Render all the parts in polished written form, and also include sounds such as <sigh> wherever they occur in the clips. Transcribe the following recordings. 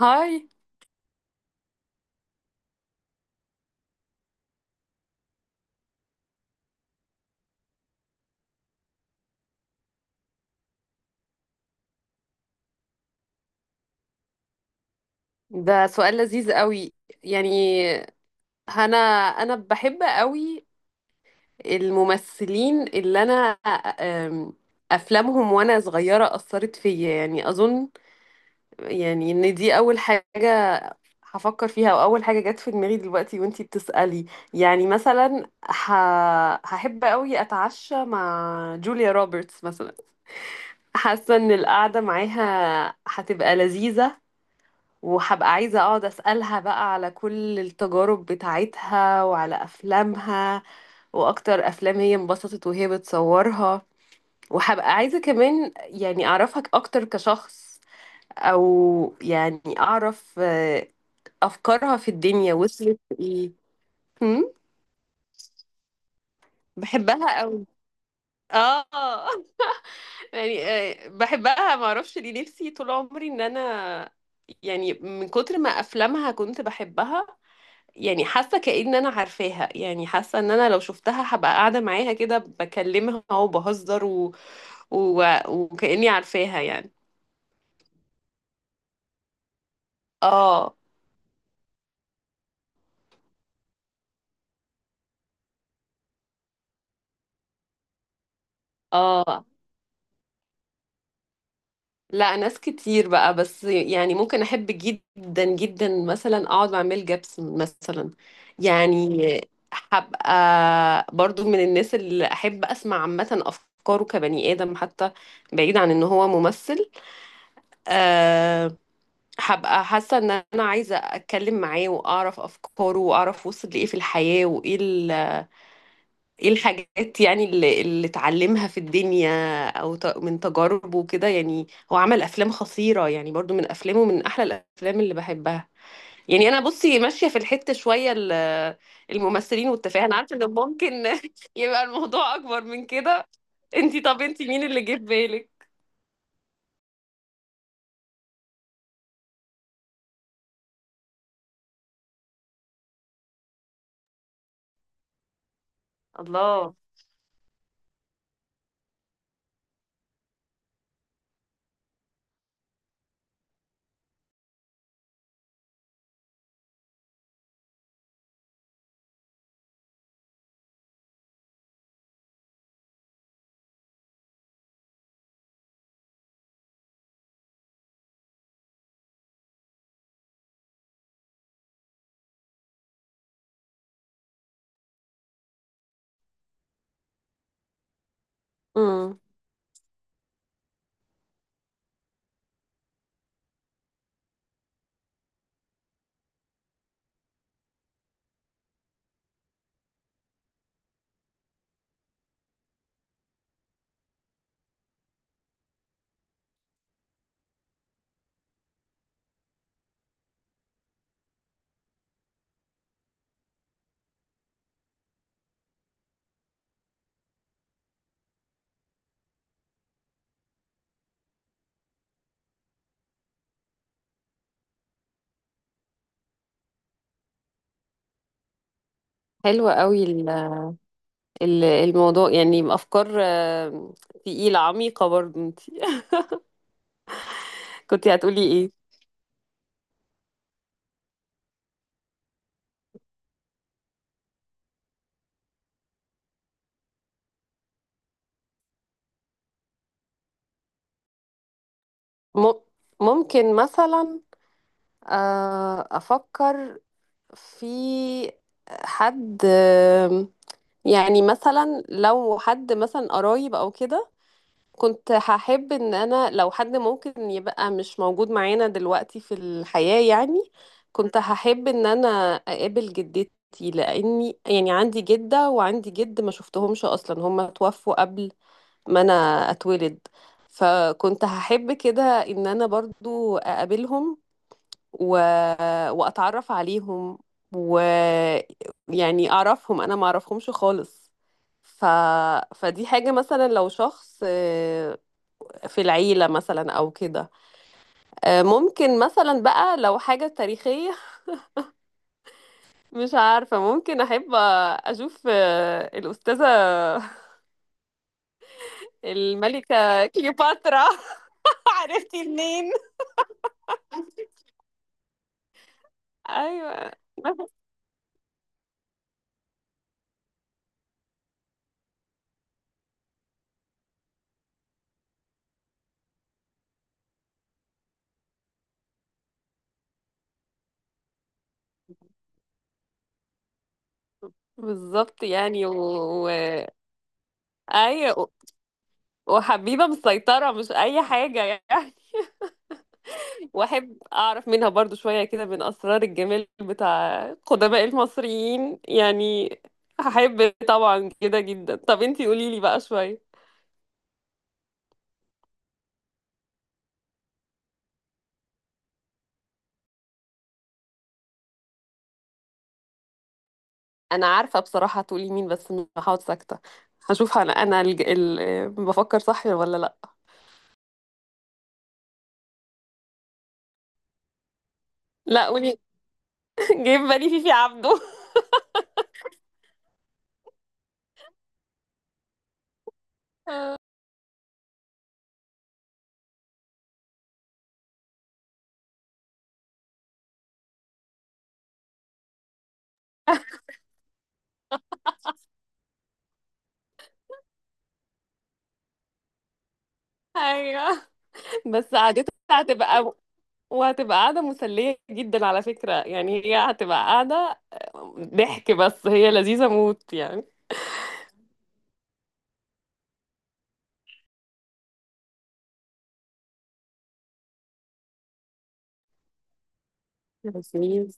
هاي. ده سؤال لذيذ قوي. يعني انا انا بحب قوي الممثلين اللي انا أم، افلامهم وانا صغيره اثرت فيا، يعني اظن يعني ان دي اول حاجه هفكر فيها واول حاجه جت في دماغي دلوقتي وانتي بتسالي. يعني مثلا ه... هحب قوي اتعشى مع جوليا روبرتس مثلا. حاسه ان القعده معاها هتبقى لذيذه، وهبقى عايزة اقعد اسألها بقى على كل التجارب بتاعتها وعلى افلامها واكتر افلام هي انبسطت وهي بتصورها. وهبقى عايزة كمان يعني اعرفك اكتر كشخص، او يعني اعرف افكارها في الدنيا وصلت لايه. هم؟ بحبها قوي. اه. <laughs> يعني بحبها، ما اعرفش ليه، نفسي طول عمري ان انا يعني من كتر ما افلامها كنت بحبها، يعني حاسه كأن انا عارفاها. يعني حاسه ان انا لو شفتها هبقى قاعده معاها كده بكلمها وبهزر و... وكأني عارفاها يعني. اه، اه، لا ناس كتير بقى، بس يعني ممكن احب جدا جدا مثلا اقعد مع ميل جيبسون مثلا. يعني هبقى برضو من الناس اللي احب اسمع عامه افكاره كبني ادم حتى، بعيد عن ان هو ممثل. آه. هبقى حاسة ان انا عايزة اتكلم معاه واعرف افكاره واعرف وصل لايه في الحياة، وايه ايه الحاجات يعني اللي اتعلمها في الدنيا، او من تجاربه كده يعني. هو عمل افلام خطيرة، يعني برضو من افلامه من احلى الافلام اللي بحبها. يعني انا بصي ماشية في الحتة شوية الممثلين والتفاهة، انا عارفة ان ممكن <laughs> يبقى الموضوع اكبر من كده. طب انتي مين اللي جه في بالك؟ الله. امم. حلوة قوي الموضوع، يعني أفكار تقيلة عميقة برضه انت. <laughs> كنت هتقولي ايه؟ م- ممكن مثلا، أفكر في حد، يعني مثلا لو حد مثلا قرايب أو كده. كنت هحب ان انا لو حد ممكن يبقى مش موجود معانا دلوقتي في الحياة يعني. كنت هحب ان انا اقابل جدتي، لاني يعني عندي جدة وعندي جد ما شفتهمش اصلا، هما توفوا قبل ما انا اتولد. فكنت هحب كده ان انا برضو اقابلهم و... واتعرف عليهم، ويعني اعرفهم، انا ما اعرفهمش خالص. ف... فدي حاجة مثلا لو شخص في العيلة مثلا أو كده. ممكن مثلا بقى لو حاجة تاريخية. <laughs> مش عارفة، ممكن أحب أشوف الأستاذة <laughs> الملكة كليوباترا. <laughs> عرفتي منين؟ أيوة. بالظبط يعني أيوة. وحبيبة مسيطرة، مش أي حاجة يعني. واحب اعرف منها برضو شوية كده من اسرار الجمال بتاع قدماء المصريين يعني. هحب طبعا كده جدا. طب انتي قولي لي بقى شوية. انا عارفة بصراحة هتقولي مين، بس مش هقعد ساكتة. هشوف انا بفكر صح ولا لا. لا قولي. <laughs> جايب بالي فيفي عبده. <laughs> ايوه، بس قعدتها هتبقى وهتبقى قاعدة مسلية جدا على فكرة، يعني هي هتبقى قاعدة ضحك بس هي لذيذة موت يعني. لذيذ.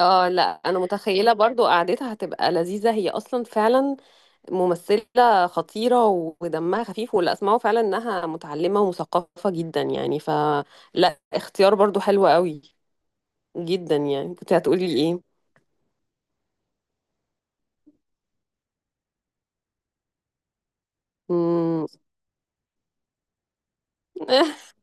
اه، لا انا متخيله برضو قعدتها هتبقى لذيذه، هي اصلا فعلا ممثله خطيره ودمها خفيف واللي اسمعه فعلا انها متعلمه ومثقفه جدا يعني، فلا اختيار برضو حلو قوي جدا يعني. كنت هتقولي ايه؟ مم. <laughs>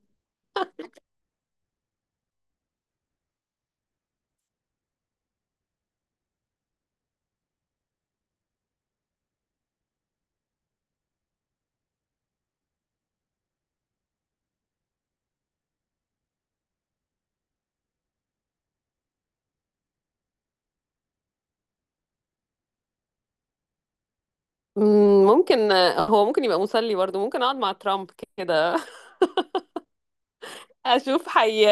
ممكن، هو ممكن يبقى مسلي برضو. ممكن اقعد مع ترامب كده. <laughs> اشوف حي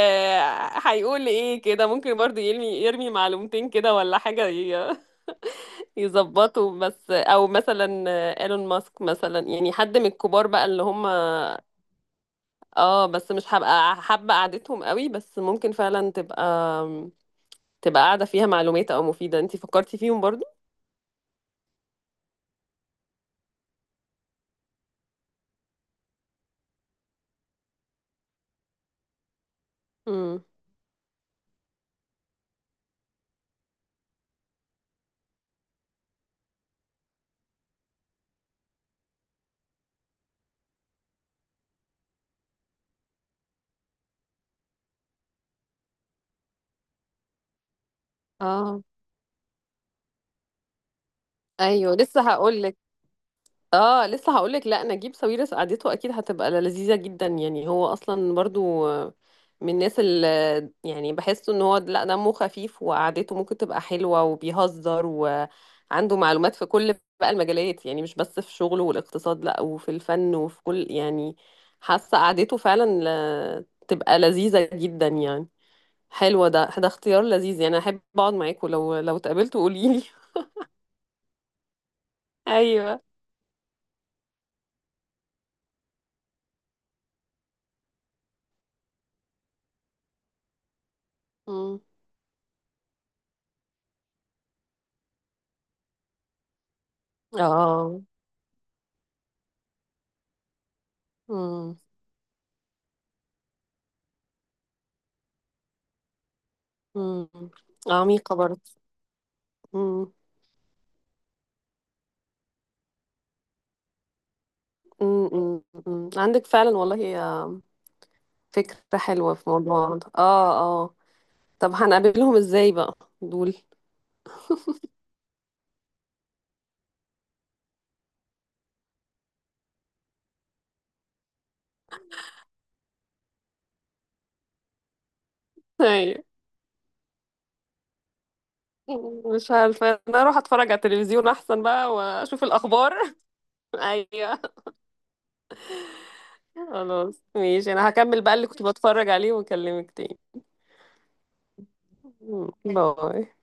هيقول ايه كده، ممكن برضو يرمي يرمي معلومتين كده ولا حاجه يظبطوا بس. او مثلا ايلون ماسك مثلا، يعني حد من الكبار بقى اللي هم. اه، بس مش هبقى حابة قعدتهم قوي، بس ممكن فعلا تبقى تبقى قاعدة فيها معلومات او مفيدة. انتي فكرتي فيهم برضو. امم. اه. ايوه، لسه هقول. اه، لسه هقولك، لا نجيب ساويرس قعدته اكيد هتبقى لذيذه جدا يعني. هو اصلا برضو من الناس اللي يعني بحسه ان هو، لا، دمه خفيف وقعدته ممكن تبقى حلوه وبيهزر، وعنده معلومات في كل بقى المجالات، يعني مش بس في شغله والاقتصاد، لا، وفي الفن وفي كل يعني. حاسه قعدته فعلا تبقى لذيذه جدا يعني. حلوه. ده اختيار لذيذ يعني. احب اقعد معاكم لو اتقابلتوا قوليلي. <laughs> ايوه. امم. اه. امم. مم. عميقة برضه. مم. مم. مم. مم. عندك فعلا والله فكرة حلوة في موضوع ده. اه، اه، طب هنقابلهم ازاي بقى دول؟ <laughs> أيوة. مش عارفة، انا اروح اتفرج على التلفزيون احسن بقى واشوف الاخبار. <laughs> ايوه. خلاص ماشي، انا هكمل بقى اللي كنت بتفرج عليه واكلمك تاني. مم. باي.